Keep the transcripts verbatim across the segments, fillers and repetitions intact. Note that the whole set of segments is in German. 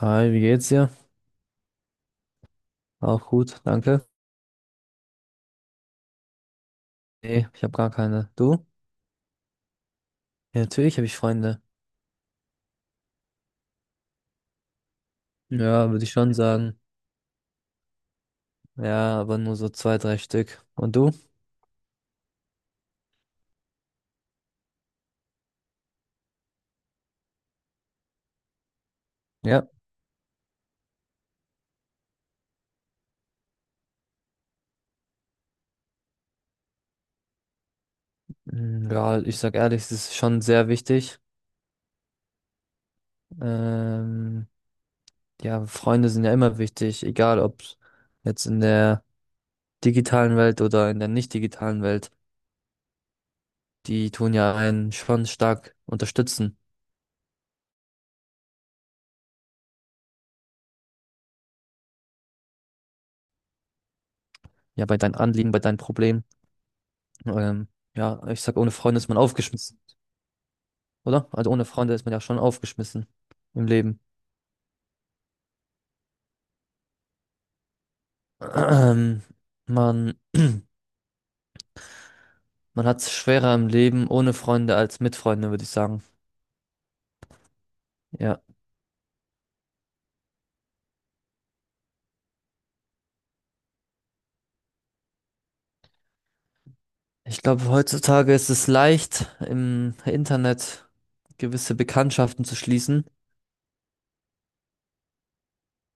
Hi, wie geht's dir? Auch gut, danke. Nee, ich habe gar keine. Du? Ja, natürlich habe ich Freunde. Ja, würde ich schon sagen. Ja, aber nur so zwei, drei Stück. Und du? Ja. Mm, ja, ich sag ehrlich, es ist schon sehr wichtig. Ähm, ja, Freunde sind ja immer wichtig, egal ob jetzt in der digitalen Welt oder in der nicht digitalen Welt. Die tun ja einen schon stark unterstützen. Ja, bei deinen Anliegen, bei deinen Problemen. Ähm, ja, ich sag, ohne Freunde ist man aufgeschmissen. Oder? Also ohne Freunde ist man ja schon aufgeschmissen im Leben. Ähm, man, Man hat es schwerer im Leben ohne Freunde als mit Freunden, würde ich sagen. Ja. Ich glaube, heutzutage ist es leicht, im Internet gewisse Bekanntschaften zu schließen.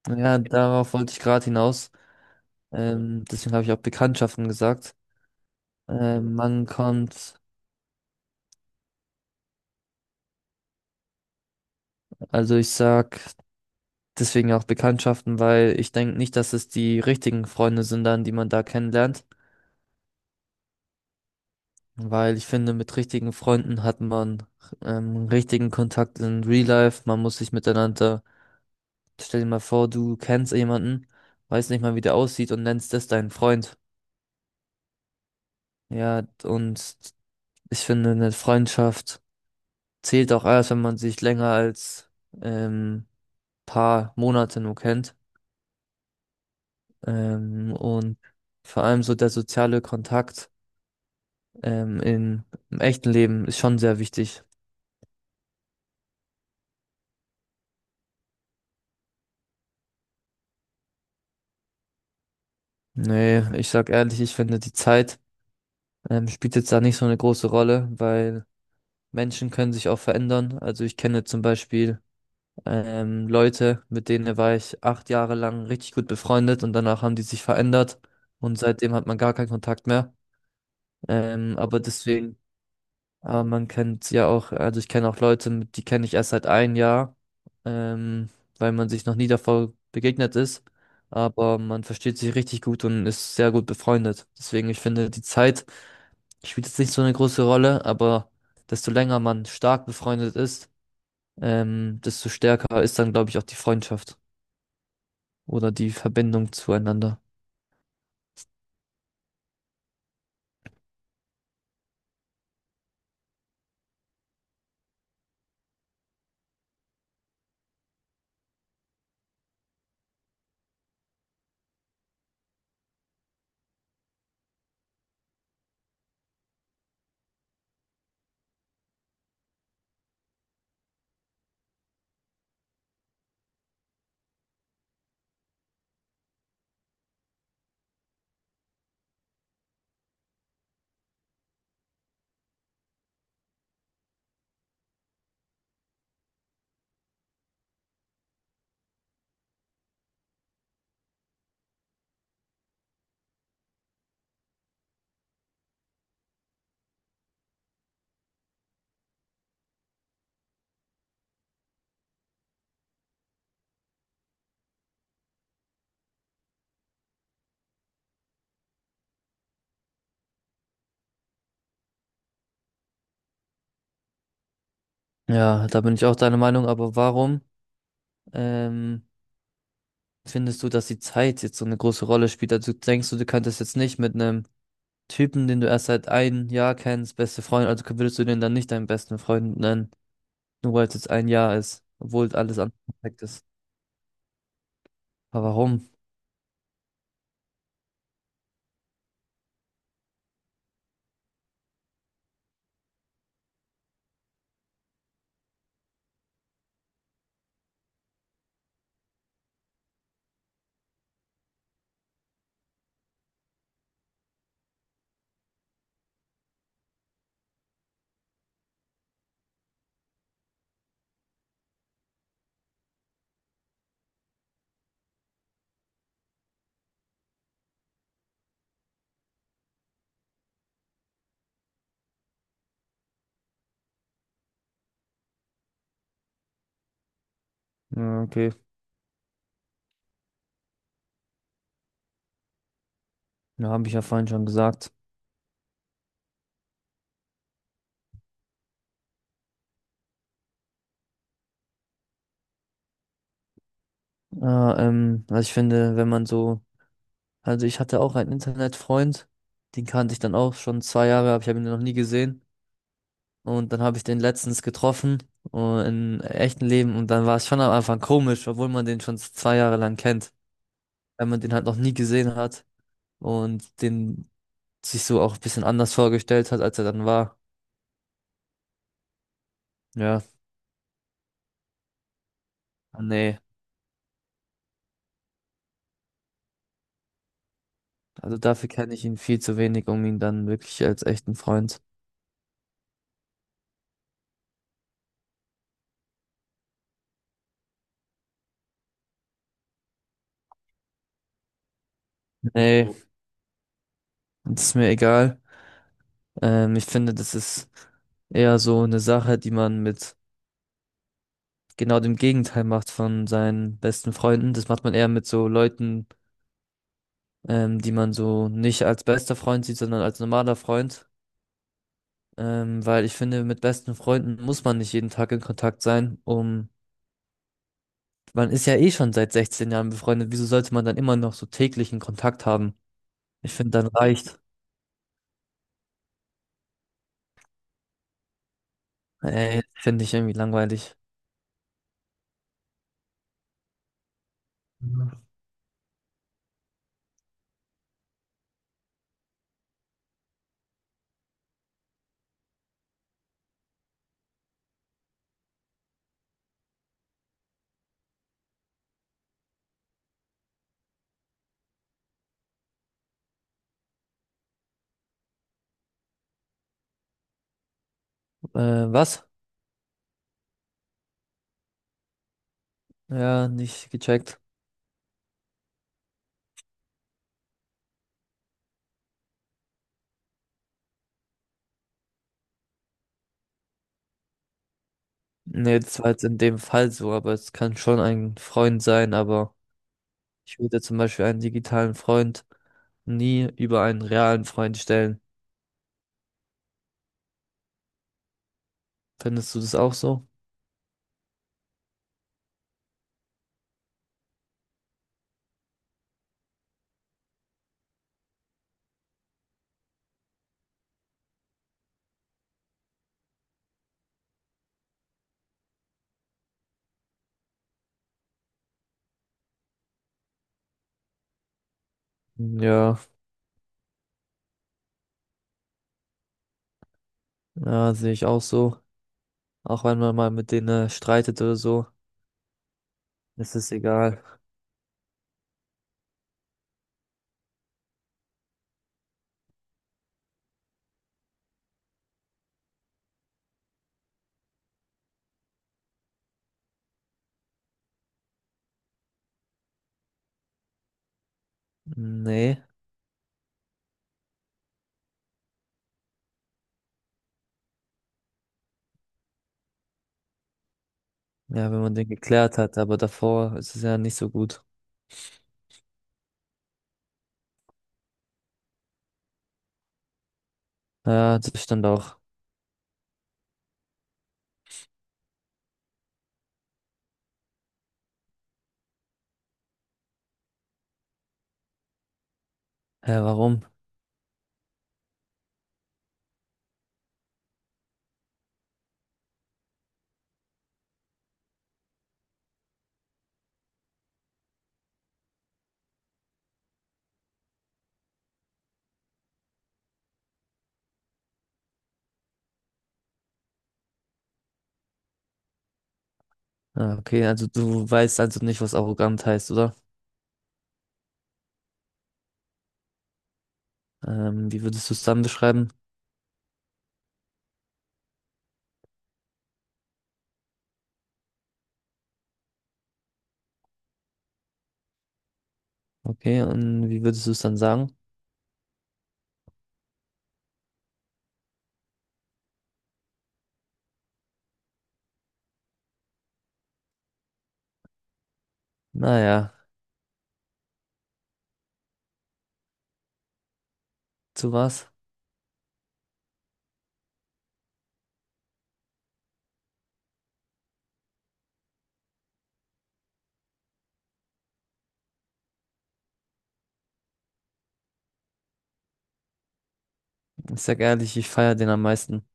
Ja, darauf wollte ich gerade hinaus. Ähm, deswegen habe ich auch Bekanntschaften gesagt. Ähm, man kommt, also ich sag deswegen auch Bekanntschaften, weil ich denke nicht, dass es die richtigen Freunde sind, dann, die man da kennenlernt. Weil ich finde, mit richtigen Freunden hat man ähm, richtigen Kontakt in Real Life. Man muss sich miteinander. Stell dir mal vor, du kennst jemanden, weiß nicht mal, wie der aussieht und nennst das deinen Freund. Ja, und ich finde, eine Freundschaft zählt auch erst, wenn man sich länger als ähm, paar Monate nur kennt. Ähm, und vor allem so der soziale Kontakt ähm, in, im echten Leben ist schon sehr wichtig. Nee, ich sag ehrlich, ich finde, die Zeit ähm, spielt jetzt da nicht so eine große Rolle, weil Menschen können sich auch verändern. Also ich kenne zum Beispiel ähm, Leute, mit denen war ich acht Jahre lang richtig gut befreundet, und danach haben die sich verändert und seitdem hat man gar keinen Kontakt mehr. Ähm, aber deswegen aber man kennt ja auch, also ich kenne auch Leute, mit- die kenne ich erst seit ein Jahr, ähm, weil man sich noch nie davor begegnet ist. Aber man versteht sich richtig gut und ist sehr gut befreundet. Deswegen, ich finde, die Zeit spielt jetzt nicht so eine große Rolle, aber desto länger man stark befreundet ist, ähm, desto stärker ist dann, glaube ich, auch die Freundschaft oder die Verbindung zueinander. Ja, da bin ich auch deiner Meinung, aber warum? Ähm, findest du, dass die Zeit jetzt so eine große Rolle spielt? Also denkst du, du könntest jetzt nicht mit einem Typen, den du erst seit ein Jahr kennst, beste Freund, also würdest du den dann nicht deinen besten Freund nennen, nur weil es jetzt ein Jahr ist, obwohl alles andere perfekt ist. Aber warum? Ja, okay, ja, habe ich ja vorhin schon gesagt. Ja, ähm, also ich finde, wenn man so, also ich hatte auch einen Internetfreund, den kannte ich dann auch schon zwei Jahre, aber ich habe ihn noch nie gesehen. Und dann habe ich den letztens getroffen äh, in echten Leben und dann war es schon am Anfang komisch, obwohl man den schon zwei Jahre lang kennt, weil man den halt noch nie gesehen hat und den sich so auch ein bisschen anders vorgestellt hat, als er dann war. Ja, ah, nee, also dafür kenne ich ihn viel zu wenig, um ihn dann wirklich als echten Freund. Nee, das ist mir egal. Ähm, ich finde, das ist eher so eine Sache, die man mit genau dem Gegenteil macht von seinen besten Freunden. Das macht man eher mit so Leuten, ähm, die man so nicht als bester Freund sieht, sondern als normaler Freund. Ähm, weil ich finde, mit besten Freunden muss man nicht jeden Tag in Kontakt sein, um man ist ja eh schon seit sechzehn Jahren befreundet. Wieso sollte man dann immer noch so täglichen Kontakt haben? Ich finde, dann reicht. Ey, finde ich irgendwie langweilig. Mhm. Äh, Was? Ja, nicht gecheckt. Nee, das war jetzt in dem Fall so, aber es kann schon ein Freund sein, aber ich würde zum Beispiel einen digitalen Freund nie über einen realen Freund stellen. Findest du das auch so? Ja, ja, sehe ich auch so. Auch wenn man mal mit denen äh, streitet oder so, ist es egal. Nee, ja, wenn man den geklärt hat, aber davor ist es ja nicht so gut. Ja, das stand auch. Hä, warum? Ah, okay, also du weißt also nicht, was arrogant heißt, oder? Ähm, wie würdest du es dann beschreiben? Okay, und wie würdest du es dann sagen? Naja, zu was? Ich sag ehrlich, ich feier den am meisten.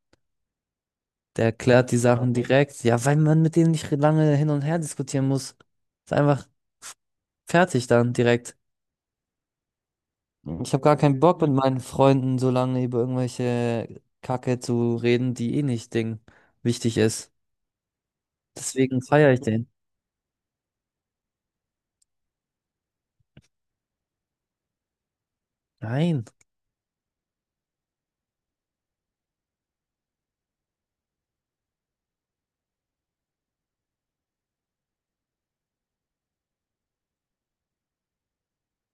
Der erklärt die Sachen direkt. Ja, weil man mit denen nicht lange hin und her diskutieren muss. Ist einfach fertig dann direkt. Ich habe gar keinen Bock, mit meinen Freunden so lange über irgendwelche Kacke zu reden, die eh nicht Ding wichtig ist. Deswegen feiere ich den. Nein,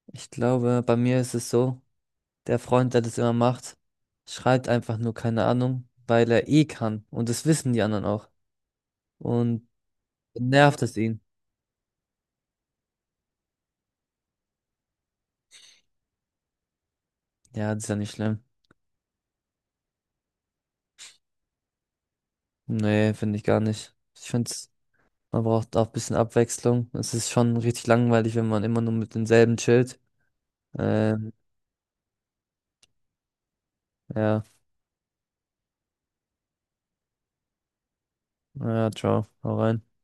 ich glaube, bei mir ist es so, der Freund, der das immer macht, schreibt einfach nur keine Ahnung, weil er eh kann. Und das wissen die anderen auch. Und nervt es ihn. Ja, das ist ja nicht schlimm. Nee, finde ich gar nicht. Ich finde, man braucht auch ein bisschen Abwechslung. Es ist schon richtig langweilig, wenn man immer nur mit denselben chillt. Ähm, ja. Ja, ciao, hau rein.